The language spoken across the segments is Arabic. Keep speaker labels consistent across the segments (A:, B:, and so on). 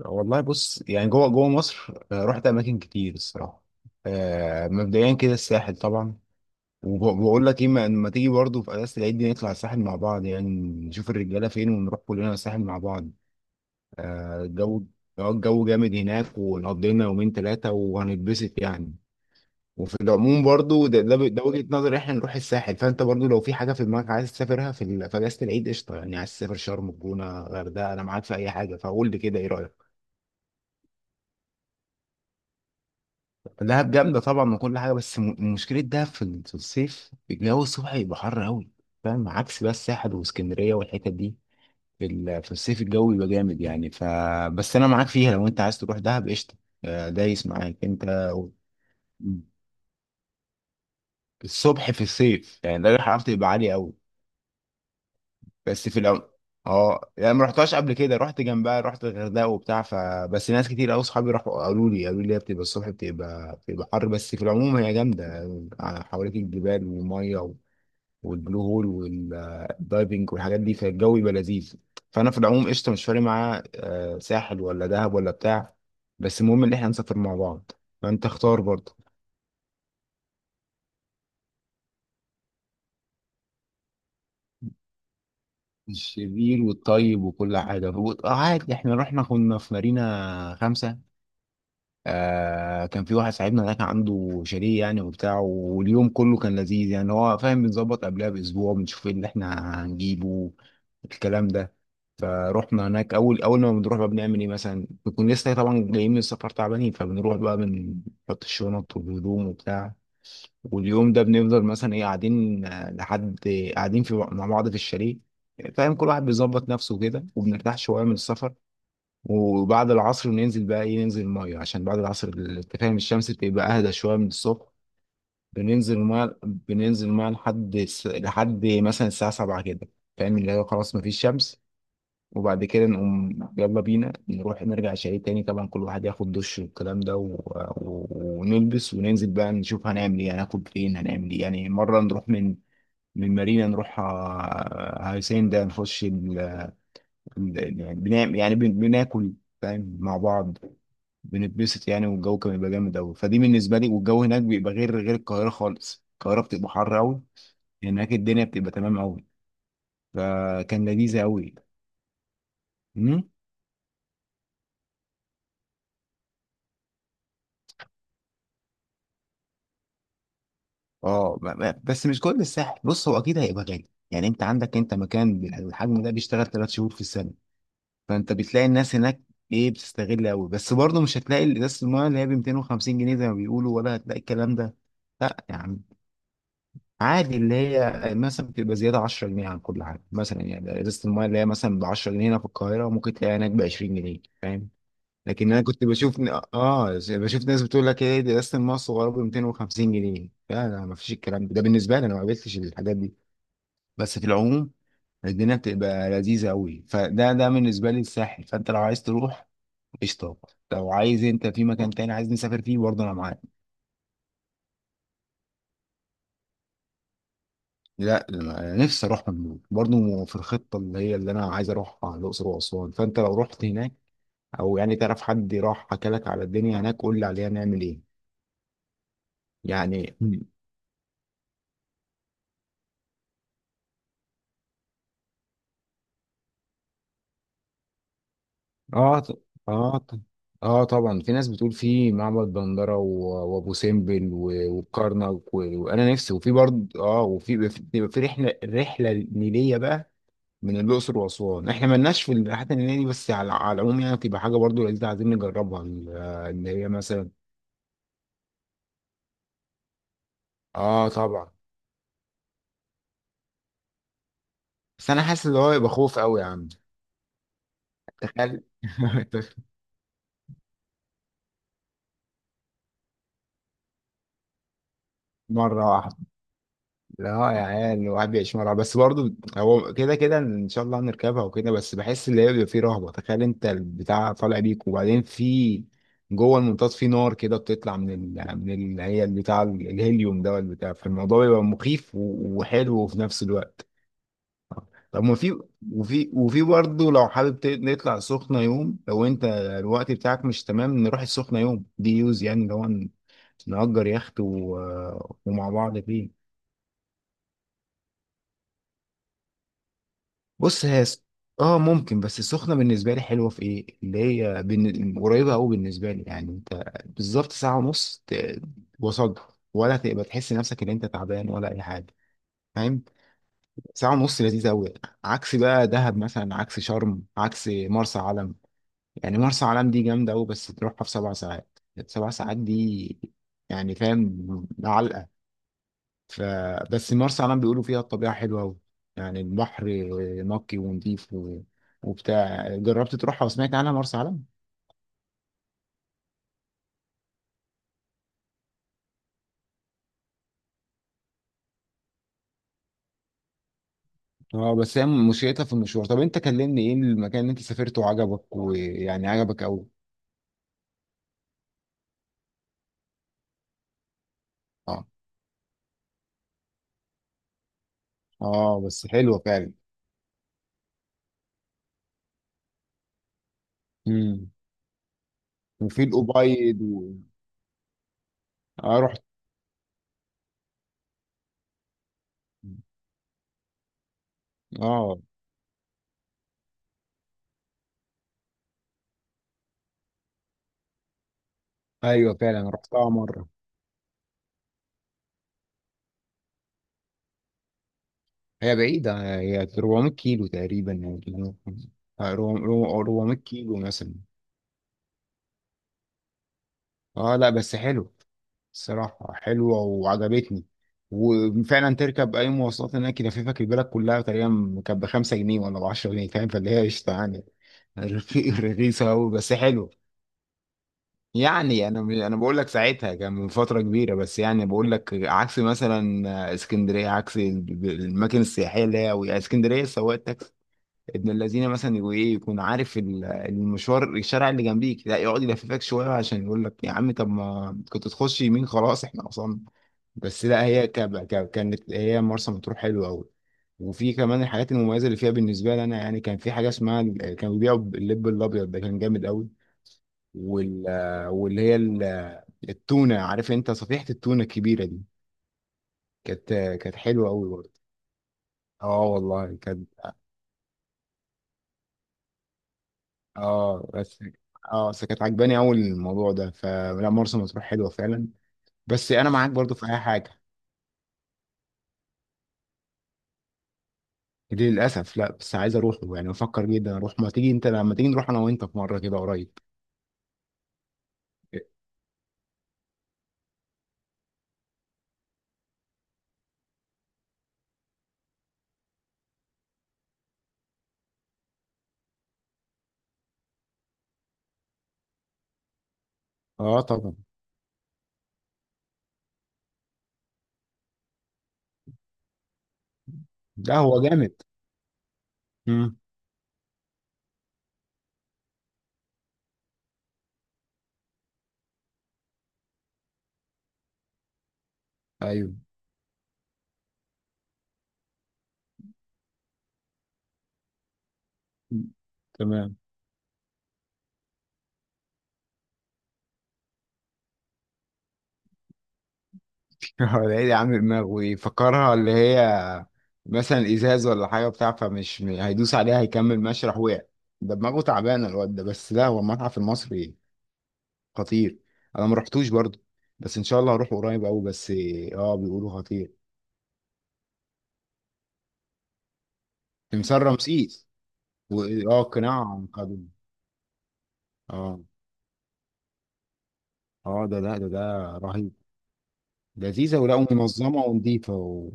A: والله بص، يعني جوه جوه مصر، رحت اماكن كتير الصراحه. مبدئيا كده الساحل طبعا. وبقول لك ايه، ما تيجي برضه في اجازه العيد دي نطلع الساحل مع بعض يعني. نشوف الرجاله فين ونروح كلنا الساحل مع بعض. آه، الجو الجو جامد هناك، ونقضي لنا يومين ثلاثه وهنتبسط يعني. وفي العموم برضه ده وجهه نظري احنا نروح الساحل، فانت برضه لو في حاجه في دماغك عايز تسافرها في في اجازه العيد قشطه، يعني عايز تسافر شرم، الجونه، غردقه، انا معاك في اي حاجه، فقول لي كده ايه رايك. دهب جامدة طبعا وكل حاجة، بس مشكلة دهب في في الصيف الجو الصبح يبقى حر أوي. فاهم؟ عكس بقى الساحل واسكندرية والحتت دي، في في الصيف الجو يبقى جامد يعني. ف بس أنا معاك فيها، لو أنت عايز تروح دهب قشطة. دايس معاك أنت. و- الصبح في الصيف، يعني ده الحرارة تبقى عالية أوي. بس في العم، اه يعني ما رحتهاش قبل كده، رحت جنبها، رحت الغردقه وبتاع. ف بس ناس كتير قوي صحابي راحوا قالوا لي هي بتبقى الصبح بتبقى حر، بس في العموم هي جامده يعني. حواليك الجبال والميه والبلو هول والدايفنج والحاجات دي، فالجو يبقى لذيذ. فانا في العموم قشطه، مش فارق معايا، ساحل ولا دهب ولا بتاع، بس المهم ان احنا نسافر مع بعض. فانت اختار برضه. الشرير والطيب وكل حاجه. عادي، احنا رحنا كنا في مارينا 5. آه، كان في واحد صاحبنا ده كان عنده شاليه يعني وبتاع، واليوم كله كان لذيذ يعني. هو فاهم، بنظبط قبلها باسبوع بنشوف ايه اللي احنا هنجيبه الكلام ده. فروحنا هناك، اول ما بنروح بقى بنعمل ايه مثلا، بنكون لسه طبعا جايين من السفر تعبانين، فبنروح بقى بنحط الشنط والهدوم وبتاع. واليوم ده بنفضل مثلا ايه، قاعدين، لحد، قاعدين في مع بعض في الشاليه. فاهم، كل واحد بيظبط نفسه كده وبنرتاح شويه من السفر. وبعد العصر ننزل بقى ايه، ننزل الميه، عشان بعد العصر انت فاهم الشمس بتبقى اهدى شويه من الصبح. بننزل الميه لحد لحد مثلا الساعه 7 كده، فاهم اللي هو خلاص مفيش شمس. وبعد كده نقوم يلا بينا نروح نرجع شاليه تاني، طبعا كل واحد ياخد دش والكلام ده، و... ونلبس وننزل بقى نشوف هنعمل ايه، هناكل فين، هنعمل ايه يعني. مره نروح من مارينا، نروح هاي سين ده، نخش يعني بنعمل يعني بناكل فاهم مع بعض، بنتبسط يعني. والجو كان بيبقى جامد قوي، فدي بالنسبه لي، والجو هناك بيبقى غير القاهره خالص، القاهره بتبقى حر قوي. هناك الدنيا بتبقى تمام قوي، فكان لذيذه قوي. امم، اه بس مش كل الساحل، بص هو اكيد هيبقى غالي يعني. انت عندك انت مكان بالحجم ده بيشتغل 3 شهور في السنه، فانت بتلاقي الناس هناك ايه بتستغل قوي، بس برضه مش هتلاقي ازازه الميه اللي هي ب 250 جنيه زي ما بيقولوا، ولا هتلاقي الكلام ده. لا يا عم، عادي اللي هي مثلا بتبقى زياده 10 جنيه عن كل حاجه مثلا، يعني ازازه المايه اللي هي مثلا ب 10 جنيه هنا في القاهره ممكن تلاقيها هناك ب 20 جنيه فاهم. لكن انا كنت بشوف بشوف ناس بتقول لك ايه دي ازازه المايه الصغيره ب 250 جنيه، لا لا، ما فيش الكلام ده، ده بالنسبه لي انا ما قابلتش الحاجات دي. بس في العموم الدنيا بتبقى لذيذه قوي، فده بالنسبه لي الساحل، فانت لو عايز تروح قشطه، لو عايز انت في مكان تاني عايز نسافر فيه برضه انا معاك. لا أنا نفسي اروح مملوك برضه، في الخطه اللي هي اللي انا عايز اروحها الاقصر واسوان، فانت لو رحت هناك او يعني تعرف حد راح حكى لك على الدنيا هناك قول لي عليها نعمل ايه. يعني اه ط- اه ط- اه طبعا، في ناس بتقول في معبد دندره وابو سمبل وكرنك وانا نفسي، وفي برضه اه وفي بيبقى في رحله نيليه بقى من الاقصر واسوان، احنا مالناش في الرحلات النيليه دي، بس على العموم يعني بتبقى حاجه برضه لذيذه عايزين نجربها اللي هي مثلا اه طبعا. بس انا حاسس ان هو يبقى خوف قوي يا عم، تخيل مره واحده. لا يا عيال، الواحد بيعيش مره واحدة. بس برضه هو كده كده ان شاء الله هنركبها وكده، بس بحس ان هي بيبقى فيه رهبه، تخيل انت البتاع طالع بيك، وبعدين في جوه المنطاد في نار كده بتطلع من من ال...، هي البتاع الهيليوم ده والبتاع، فالموضوع بيبقى مخيف و... وحلو في نفس الوقت. طب ما في، وفي برضه لو حابب نطلع سخنة يوم، لو انت الوقت بتاعك مش تمام نروح السخنة يوم دي يوز، يعني اللي هو نأجر يخت و... ومع بعض فيه. بص هي اه ممكن، بس السخنة بالنسبة لي حلوة في ايه، اللي هي بن... قريبة قوي بالنسبة لي، يعني انت بالظبط ساعة ونص ت... وصلت، ولا تبقى تحس نفسك ان انت تعبان ولا اي حاجة فاهم. ساعة ونص لذيذة قوي، عكس بقى دهب مثلا، عكس شرم، عكس مرسى علم. يعني مرسى علم دي جامدة أوي، بس تروحها في 7 ساعات، 7 ساعات دي يعني فاهم علقة. ف بس مرسى علم بيقولوا فيها الطبيعة حلوة أوي، يعني البحر نقي ونضيف و... وبتاع. جربت تروحها وسمعت عنها مرسى علم؟ اه بس هي مشكلتها في المشوار، طب انت كلمني ايه المكان اللي انت سافرته وعجبك ويعني عجبك أوي. اه اه بس حلوة فعلا. امم، وفي الأبيض و... اه رحت. اه ايوه فعلا رحتها مرة، هي بعيدة، هي 400 كيلو تقريبا يعني، 400 كيلو مثلا. اه لا بس حلو، الصراحة حلوة وعجبتني. وفعلا تركب أي مواصلات هناك يلففك البلد كلها تقريبا، كانت ب5 جنيه ولا ب10 جنيه، فاهم، فاللي هي قشطة يعني. رخيصة أوي بس حلو. يعني أنا بقول لك ساعتها كان من فترة كبيرة، بس يعني بقول لك عكس مثلا اسكندرية، عكس الأماكن السياحية اللي هي اسكندرية، السواق ابن الذين مثلا يقول ايه، يكون عارف المشوار الشارع اللي جنبيك، لا يقعد يلففك شويه عشان يقول لك يا عم طب ما كنت تخش يمين خلاص احنا وصلنا. بس لا هي كانت هي مرسى مطروح حلوه قوي. وفي كمان الحاجات المميزه اللي فيها بالنسبه لي انا يعني كان في حاجه اسمها كانوا بيبيعوا اللب الابيض ده كان جامد قوي. وال واللي هي ال- التونه عارف انت صفيحه التونه الكبيره دي، كانت كانت حلوه قوي برضه، اه والله كانت. اه بس اه بس كانت عجباني اول الموضوع ده. فلا مرسى مطروح حلوه فعلا، بس انا معاك برضو في اي حاجه. دي للاسف لا، بس عايز اروح يعني بفكر جدا اروح، ما تيجي انت لما تيجي نروح انا وانت في مره كده قريب. اه طبعا، لا هو جامد، امم ايوه تمام. هو العيد عامل دماغ ويفكرها اللي هي مثلا ازاز ولا حاجه بتاع، فمش هيدوس عليها هيكمل ماشي، راح وقع. ده دماغه تعبانه الواد ده. بس لا هو المتحف المصري خطير، انا ما رحتوش برضه، بس ان شاء الله هروح قريب قوي. بس اه بيقولوا خطير. تمثال رمسيس، واه قناع عنقود، اه اه ده، لا ده ده رهيب، لذيذه ولا منظمه ونظيفه.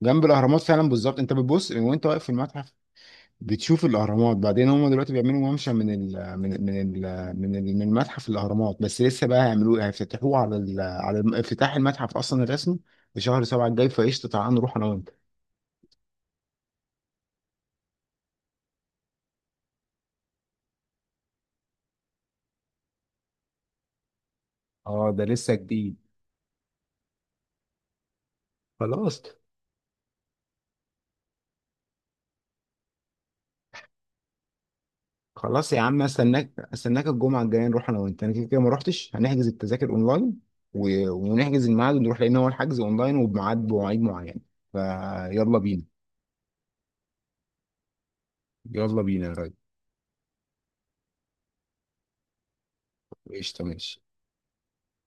A: وجنب الاهرامات فعلا بالظبط، انت بتبص وانت واقف في المتحف بتشوف الاهرامات. بعدين هم دلوقتي بيعملوا ممشى من المتحف الاهرامات، بس لسه بقى هيعملوه، هيفتتحوه على على افتتاح المتحف اصلا الرسمي في شهر 7 الجاي، فقشطه تعالى نروح انا وانت. اه ده لسه جديد. خلاص. خلاص يا عم، استناك الجمعه الجايه نروح انا وانت، انا كده كده ما روحتش، هنحجز التذاكر اونلاين و... ونحجز الميعاد ونروح، لان هو الحجز اونلاين وبميعاد، بمواعيد معينه. فيلا بينا. يلا بينا يا راجل. قشطه ماشي.